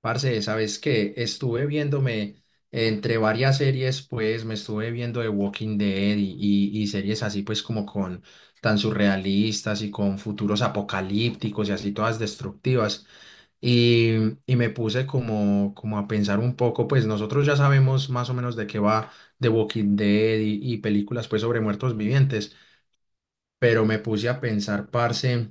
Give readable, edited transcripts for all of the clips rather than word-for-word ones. Parce, ¿sabes qué? Estuve viéndome entre varias series, pues me estuve viendo The Walking Dead y series así, pues como con tan surrealistas y con futuros apocalípticos y así todas destructivas. Y, y me puse como, como a pensar un poco, pues nosotros ya sabemos más o menos de qué va The Walking Dead y películas pues sobre muertos vivientes, pero me puse a pensar, parce,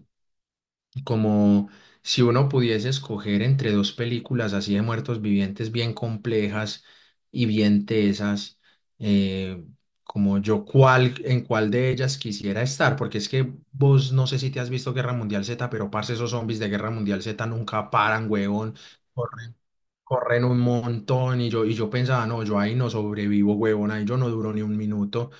como si uno pudiese escoger entre dos películas así de muertos vivientes bien complejas y bien tesas, eh, como yo cuál, en cuál de ellas quisiera estar, porque es que vos no sé si te has visto Guerra Mundial Z, pero parce, esos zombies de Guerra Mundial Z nunca paran, huevón, corren un montón y yo pensaba, no, yo ahí no sobrevivo, huevón, ahí yo no duro ni un minuto.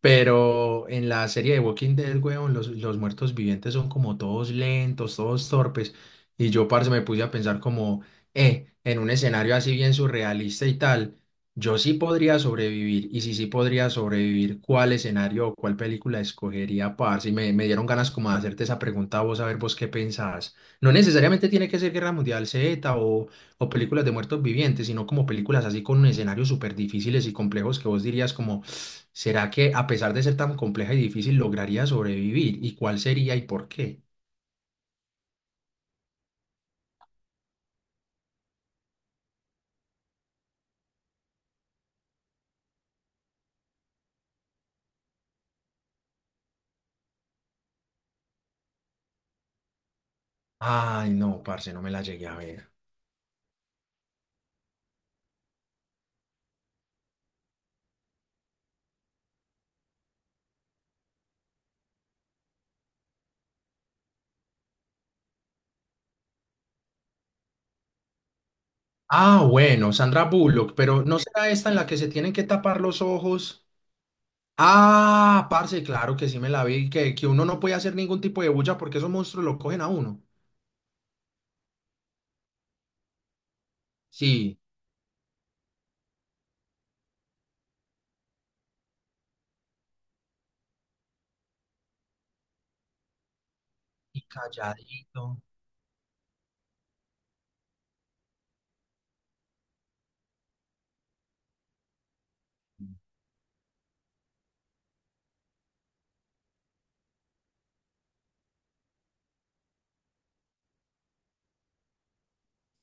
Pero en la serie de Walking Dead, huevón, los muertos vivientes son como todos lentos, todos torpes. Y yo, parce, me puse a pensar como, en un escenario así bien surrealista y tal, yo sí podría sobrevivir. Y si sí podría sobrevivir, ¿cuál escenario o cuál película escogería, parce? Y me dieron ganas como de hacerte esa pregunta a vos, a ver vos qué pensás. No necesariamente tiene que ser Guerra Mundial Z o películas de muertos vivientes, sino como películas así con escenarios súper difíciles y complejos que vos dirías como, ¿será que a pesar de ser tan compleja y difícil lograría sobrevivir? ¿Y cuál sería y por qué? Ay, no, parce, no me la llegué a ver. Ah, bueno, Sandra Bullock, pero ¿no será esta en la que se tienen que tapar los ojos? Ah, parce, claro que sí me la vi, que uno no puede hacer ningún tipo de bulla porque esos monstruos lo cogen a uno. Sí, y calladito.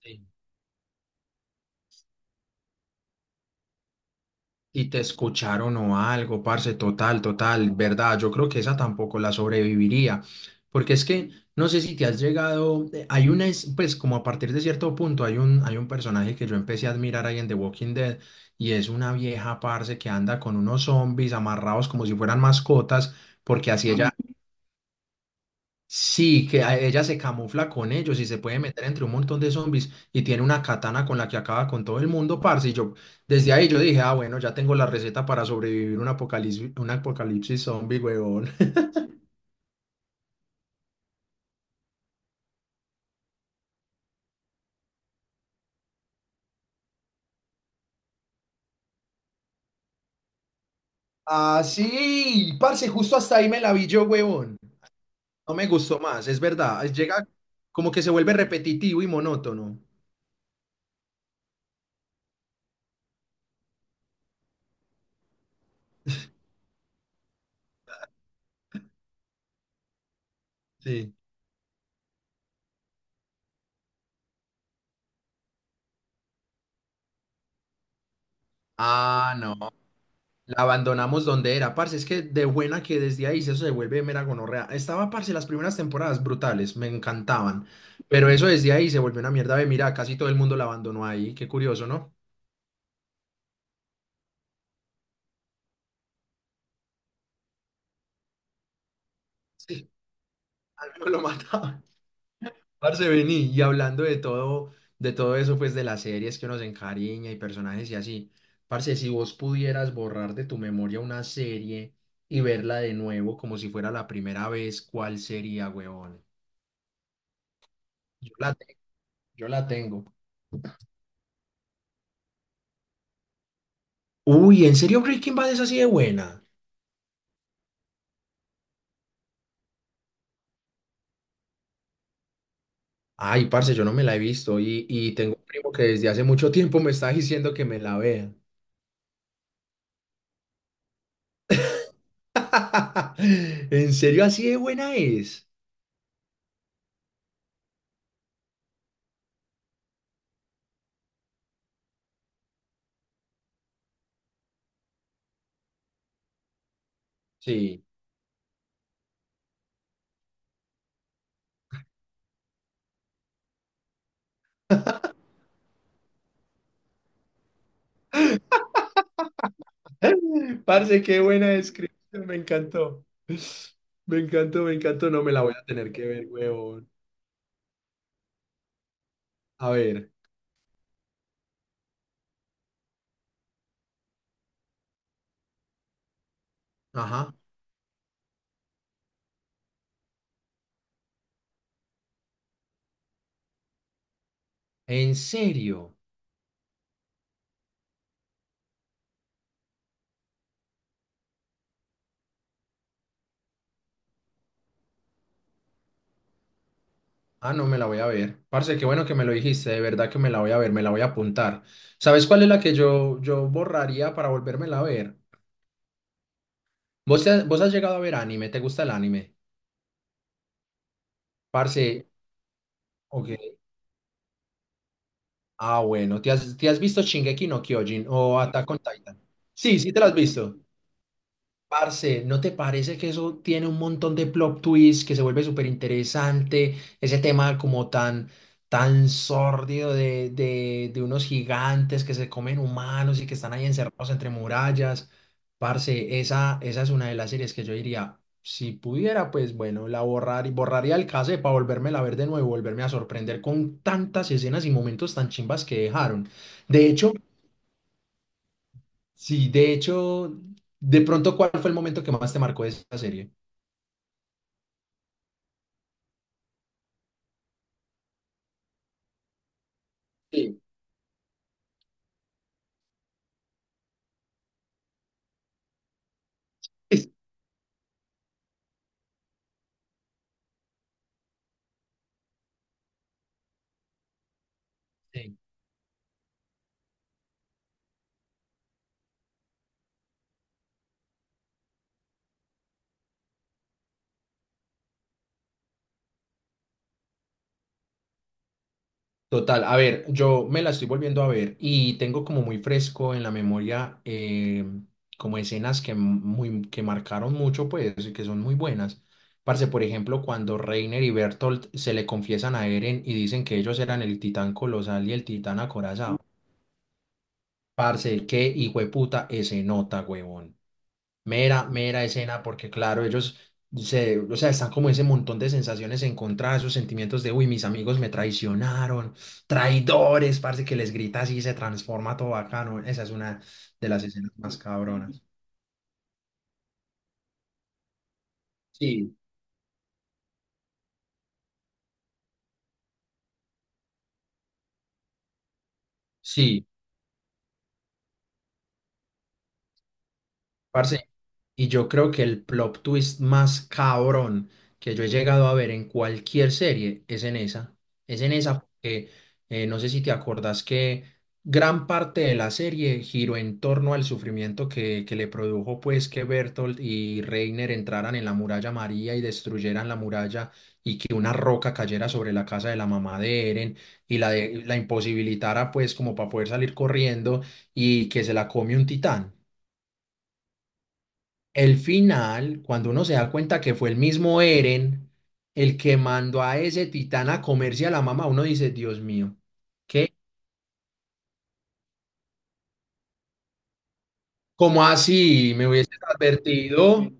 Sí. Y te escucharon o algo, parce, total, total, verdad. Yo creo que esa tampoco la sobreviviría, porque es que no sé si te has llegado, hay una, pues como a partir de cierto punto hay un personaje que yo empecé a admirar ahí en The Walking Dead y es una vieja, parce, que anda con unos zombies amarrados como si fueran mascotas, porque así ella. Sí, ella se camufla con ellos y se puede meter entre un montón de zombies y tiene una katana con la que acaba con todo el mundo, parce. Y yo, desde ahí yo dije, ah, bueno, ya tengo la receta para sobrevivir un apocalipsis zombie, huevón. Ah, sí, parce, justo hasta ahí me la vi yo, huevón. No me gustó más, es verdad. Llega como que se vuelve repetitivo y monótono. Sí. Ah, no. La abandonamos donde era, parce. Es que de buena que desde ahí eso se vuelve mera gonorrea. Estaba, parce, las primeras temporadas brutales, me encantaban. Pero eso desde ahí se volvió una mierda de mira, casi todo el mundo la abandonó ahí. Qué curioso, ¿no? Sí. Al menos lo mataban. Parce, vení. Y hablando de todo eso, pues de las series que uno se encariña y personajes y así. Parce, si vos pudieras borrar de tu memoria una serie y verla de nuevo como si fuera la primera vez, ¿cuál sería, huevón? Yo la, te- yo la tengo. Uy, ¿en serio Breaking Bad es así de buena? Ay, parce, yo no me la he visto y tengo un primo que desde hace mucho tiempo me está diciendo que me la vea. ¿En serio así de buena es? Sí. Parce, qué buena descripción, me encantó. Me encantó, me encantó, no me la voy a tener que ver, huevón. A ver. Ajá. ¿En serio? Ah, no me la voy a ver. Parce, qué bueno que me lo dijiste, de verdad que me la voy a ver, me la voy a apuntar. ¿Sabes cuál es la que yo borraría para volvérmela a ver? ¿Vos, te has, vos has llegado a ver anime? ¿Te gusta el anime? Parce, ok. Ah, bueno, te has visto Shingeki no Kyojin o Attack on Titan? Sí, sí te lo has visto. Parce, ¿no te parece que eso tiene un montón de plot twists que se vuelve súper interesante? Ese tema como tan, tan sórdido de unos gigantes que se comen humanos y que están ahí encerrados entre murallas. Parce, esa es una de las series que yo diría, si pudiera, pues bueno, la borrar y borraría el cassette para volverme a ver de nuevo, volverme a sorprender con tantas escenas y momentos tan chimbas que dejaron. De hecho, sí, de hecho, de pronto, ¿cuál fue el momento que más te marcó de esa serie? Sí. Sí. Total, a ver, yo me la estoy volviendo a ver y tengo como muy fresco en la memoria como escenas que, muy, que marcaron mucho, pues, y que son muy buenas. Parce, por ejemplo, cuando Reiner y Bertolt se le confiesan a Eren y dicen que ellos eran el titán colosal y el titán acorazado. Parce, qué hijueputa ese nota, huevón. Mera, mera escena, porque claro, ellos se, o sea, están como ese montón de sensaciones encontradas, esos sentimientos de, uy, mis amigos me traicionaron, traidores, parece que les grita así y se transforma todo bacano. Esa es una de las escenas más cabronas. Sí. Sí. Parce, y yo creo que el plot twist más cabrón que yo he llegado a ver en cualquier serie es en esa. Es en esa porque no sé si te acordás que gran parte de la serie giró en torno al sufrimiento que le produjo pues que Bertolt y Reiner entraran en la muralla María y destruyeran la muralla y que una roca cayera sobre la casa de la mamá de Eren y la, la imposibilitara pues como para poder salir corriendo y que se la come un titán. El final, cuando uno se da cuenta que fue el mismo Eren el que mandó a ese titán a comerse a la mamá, uno dice, Dios mío, ¿qué? ¿Cómo así? Me hubieses advertido.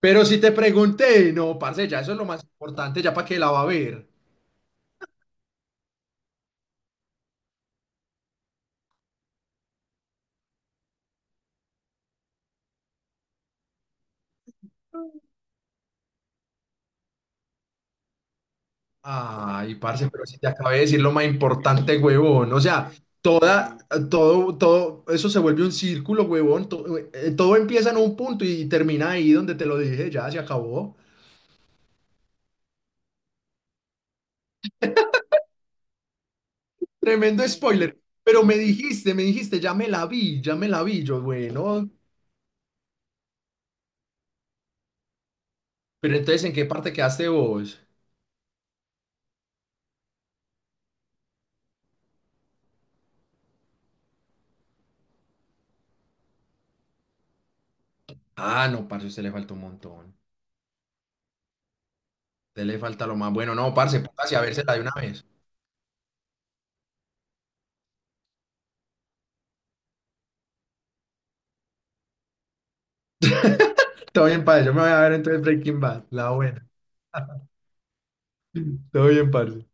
Pero si te pregunté, no, parce, ya eso es lo más importante, ya para qué la va a ver. Ay, parce, pero si te acabé de decir lo más importante, huevón. O sea, toda, todo, todo, eso se vuelve un círculo, huevón. Todo, empieza en un punto y termina ahí donde te lo dije, ya se acabó. Tremendo spoiler. Pero me dijiste, ya me la vi, ya me la vi. Yo, bueno, pero entonces, ¿en qué parte quedaste vos? Ah, no, parce, a usted le falta un montón. A usted le falta lo más bueno. No, parce, póngase a vérsela de una vez. Todo bien, padre. Yo me voy a ver entonces Breaking Bad, la buena. Todo bien, parce.